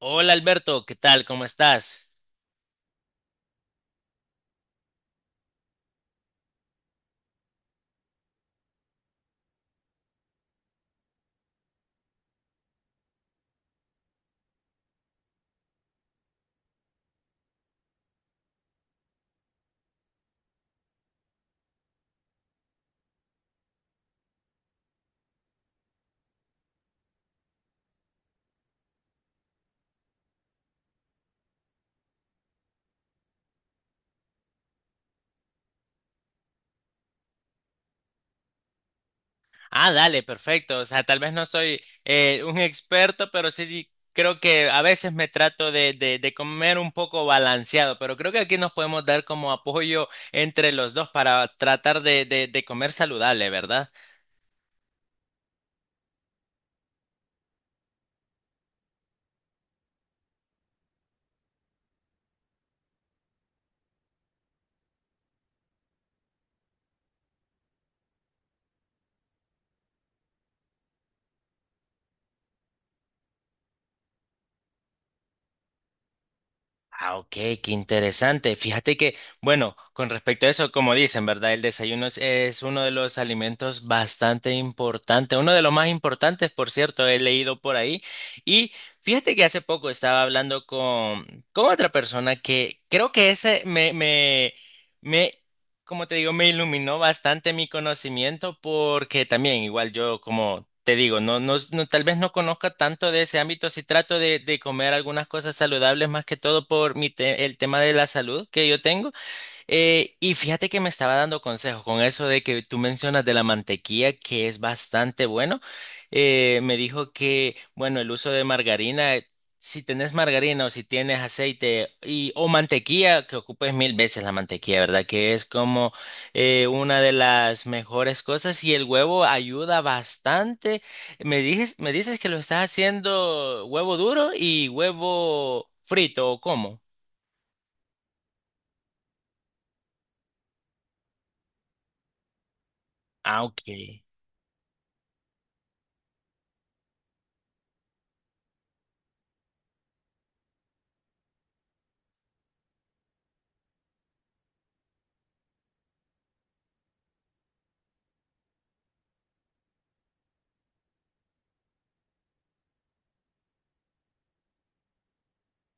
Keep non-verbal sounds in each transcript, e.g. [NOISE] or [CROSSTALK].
Hola Alberto, ¿qué tal? ¿Cómo estás? Ah, dale, perfecto. O sea, tal vez no soy un experto, pero sí creo que a veces me trato de comer un poco balanceado, pero creo que aquí nos podemos dar como apoyo entre los dos para tratar de comer saludable, ¿verdad? Ah, ok, qué interesante. Fíjate que, bueno, con respecto a eso, como dicen, ¿verdad? El desayuno es uno de los alimentos bastante importante, uno de los más importantes, por cierto, he leído por ahí. Y fíjate que hace poco estaba hablando con otra persona que creo que ese me como te digo, me iluminó bastante mi conocimiento porque también, igual yo, como te digo, tal vez no conozca tanto de ese ámbito, si trato de comer algunas cosas saludables más que todo por mi el tema de la salud que yo tengo. Y fíjate que me estaba dando consejo con eso de que tú mencionas de la mantequilla, que es bastante bueno. Me dijo que, bueno, el uso de margarina, si tenés margarina o si tienes aceite y, o mantequilla, que ocupes mil veces la mantequilla, ¿verdad? Que es como una de las mejores cosas y el huevo ayuda bastante. Me dices que lo estás haciendo huevo duro y huevo frito, ¿o cómo? Ah, ok.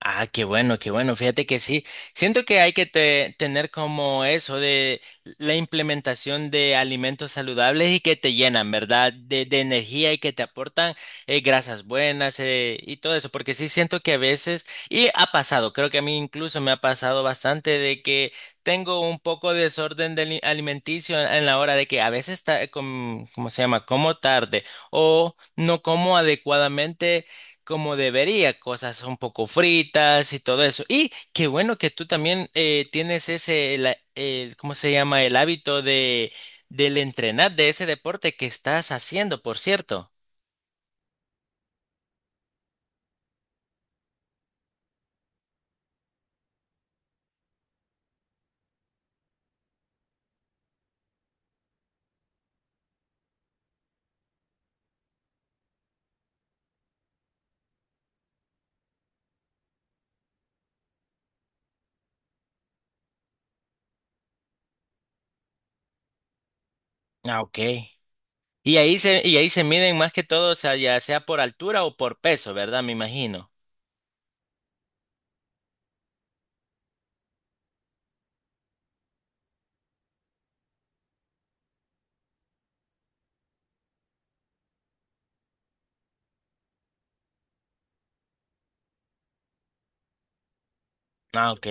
Ah, qué bueno, qué bueno. Fíjate que sí. Siento que hay que tener como eso de la implementación de alimentos saludables y que te llenan, ¿verdad? De energía y que te aportan grasas buenas y todo eso. Porque sí siento que a veces, y ha pasado, creo que a mí incluso me ha pasado bastante de que tengo un poco de desorden de alimenticio en la hora de que a veces, ¿cómo se llama? Como tarde o no como adecuadamente como debería, cosas un poco fritas y todo eso. Y qué bueno que tú también tienes ese, ¿cómo se llama? El hábito de, del entrenar de ese deporte que estás haciendo, por cierto. Ah, ok. Y ahí se miden más que todo, o sea, ya sea por altura o por peso, ¿verdad? Me imagino. Ah, ok.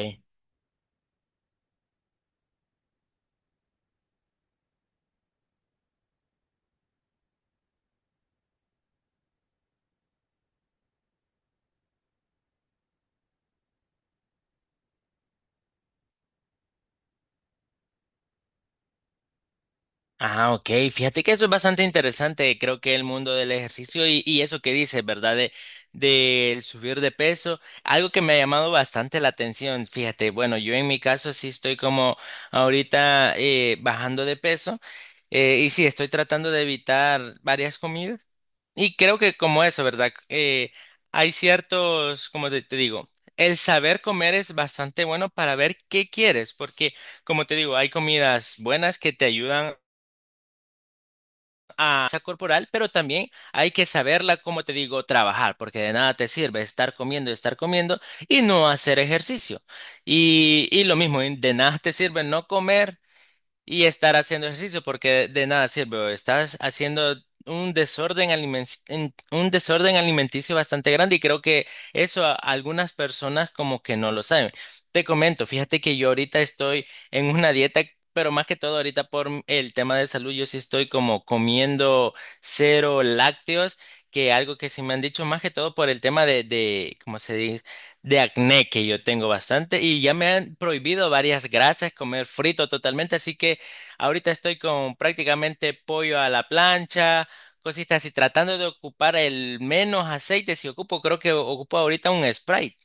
Ah, ok. Fíjate que eso es bastante interesante. Creo que el mundo del ejercicio y eso que dices, ¿verdad? De, del subir de peso, algo que me ha llamado bastante la atención. Fíjate, bueno, yo en mi caso sí estoy como ahorita bajando de peso, y sí estoy tratando de evitar varias comidas. Y creo que como eso, ¿verdad? Hay ciertos, como te digo, el saber comer es bastante bueno para ver qué quieres, porque como te digo, hay comidas buenas que te ayudan a esa corporal, pero también hay que saberla, como te digo, trabajar, porque de nada te sirve estar comiendo y no hacer ejercicio. Y lo mismo, de nada te sirve no comer y estar haciendo ejercicio, porque de, nada sirve, estás haciendo un desorden un desorden alimenticio bastante grande y creo que eso a algunas personas como que no lo saben. Te comento, fíjate que yo ahorita estoy en una dieta, pero más que todo ahorita por el tema de salud, yo sí estoy como comiendo cero lácteos, que algo que sí me han dicho más que todo por el tema ¿cómo se dice? De acné que yo tengo bastante y ya me han prohibido varias grasas, comer frito totalmente, así que ahorita estoy con prácticamente pollo a la plancha, cositas así, tratando de ocupar el menos aceite. Si ocupo, creo que ocupo ahorita un Sprite.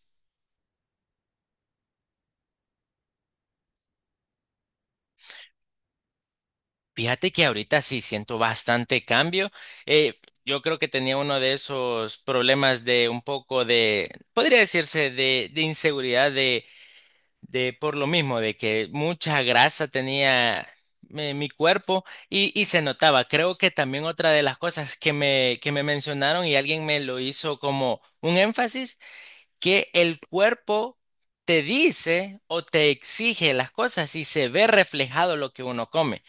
Fíjate que ahorita sí siento bastante cambio. Eh, yo creo que tenía uno de esos problemas de un poco de, podría decirse, de inseguridad de por lo mismo, de que mucha grasa tenía mi, mi cuerpo y se notaba. Creo que también otra de las cosas que me mencionaron y alguien me lo hizo como un énfasis que el cuerpo te dice o te exige las cosas y se ve reflejado lo que uno come.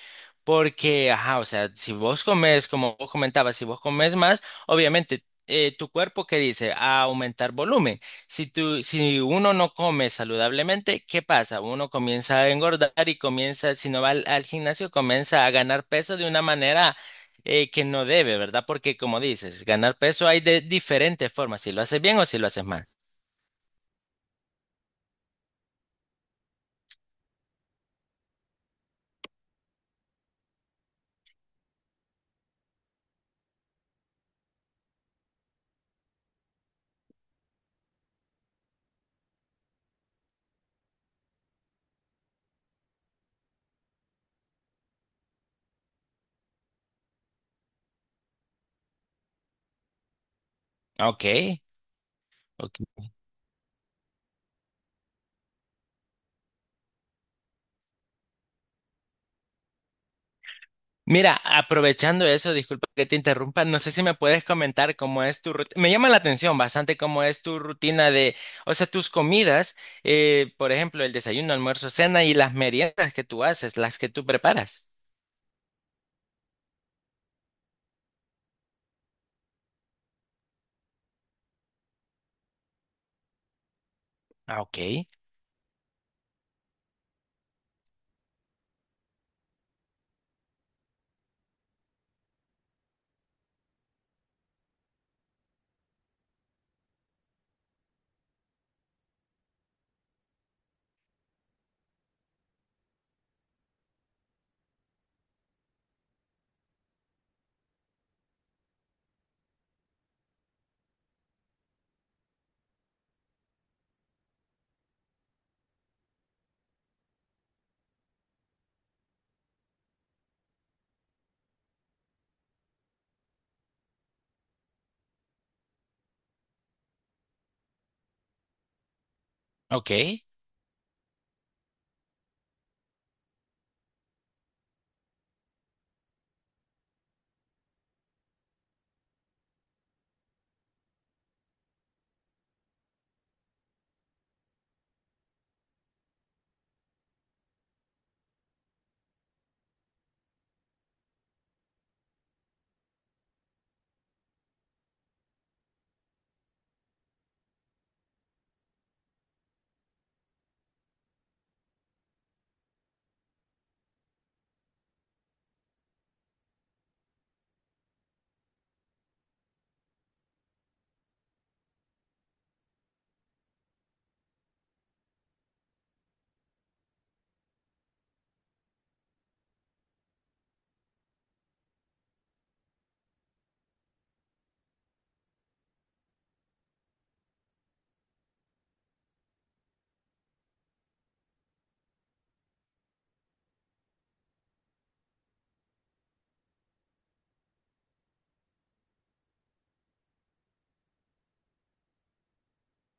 Porque, ajá, o sea, si vos comes, como vos comentabas, si vos comes más, obviamente tu cuerpo que dice a aumentar volumen. Si tú, si uno no come saludablemente, ¿qué pasa? Uno comienza a engordar y comienza, si no va al, al gimnasio, comienza a ganar peso de una manera que no debe, ¿verdad? Porque como dices, ganar peso hay de diferentes formas, si lo haces bien o si lo haces mal. Ok, ok. Mira, aprovechando eso, disculpa que te interrumpa, no sé si me puedes comentar cómo es tu rutina. Me llama la atención bastante cómo es tu rutina de, o sea, tus comidas, por ejemplo, el desayuno, almuerzo, cena y las meriendas que tú haces, las que tú preparas. Ah, ok, ok.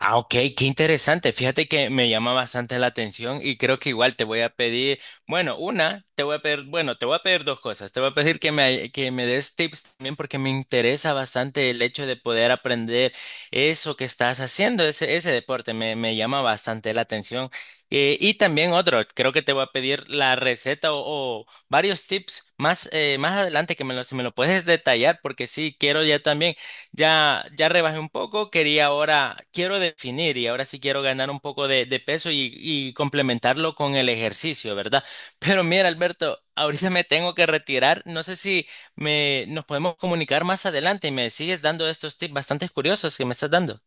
Ah, ok, qué interesante. Fíjate que me llama bastante la atención y creo que igual te voy a pedir, bueno, una, te voy a pedir, bueno, te voy a pedir dos cosas. Te voy a pedir que me des tips también porque me interesa bastante el hecho de poder aprender eso que estás haciendo, ese deporte, me llama bastante la atención. Y también otro, creo que te voy a pedir la receta o varios tips más, más adelante que me lo, si me lo puedes detallar porque sí, quiero ya también. Ya, ya rebajé un poco, quería ahora, quiero definir y ahora sí quiero ganar un poco de peso y complementarlo con el ejercicio, ¿verdad? [LAUGHS] Pero mira, Alberto, ahorita me tengo que retirar. No sé si me, nos podemos comunicar más adelante y me sigues dando estos tips bastante curiosos que me estás dando.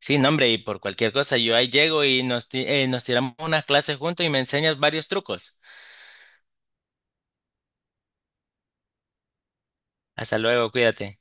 Sí, no, hombre, y por cualquier cosa, yo ahí llego y nos, nos tiramos unas clases juntos y me enseñas varios trucos. Hasta luego, cuídate.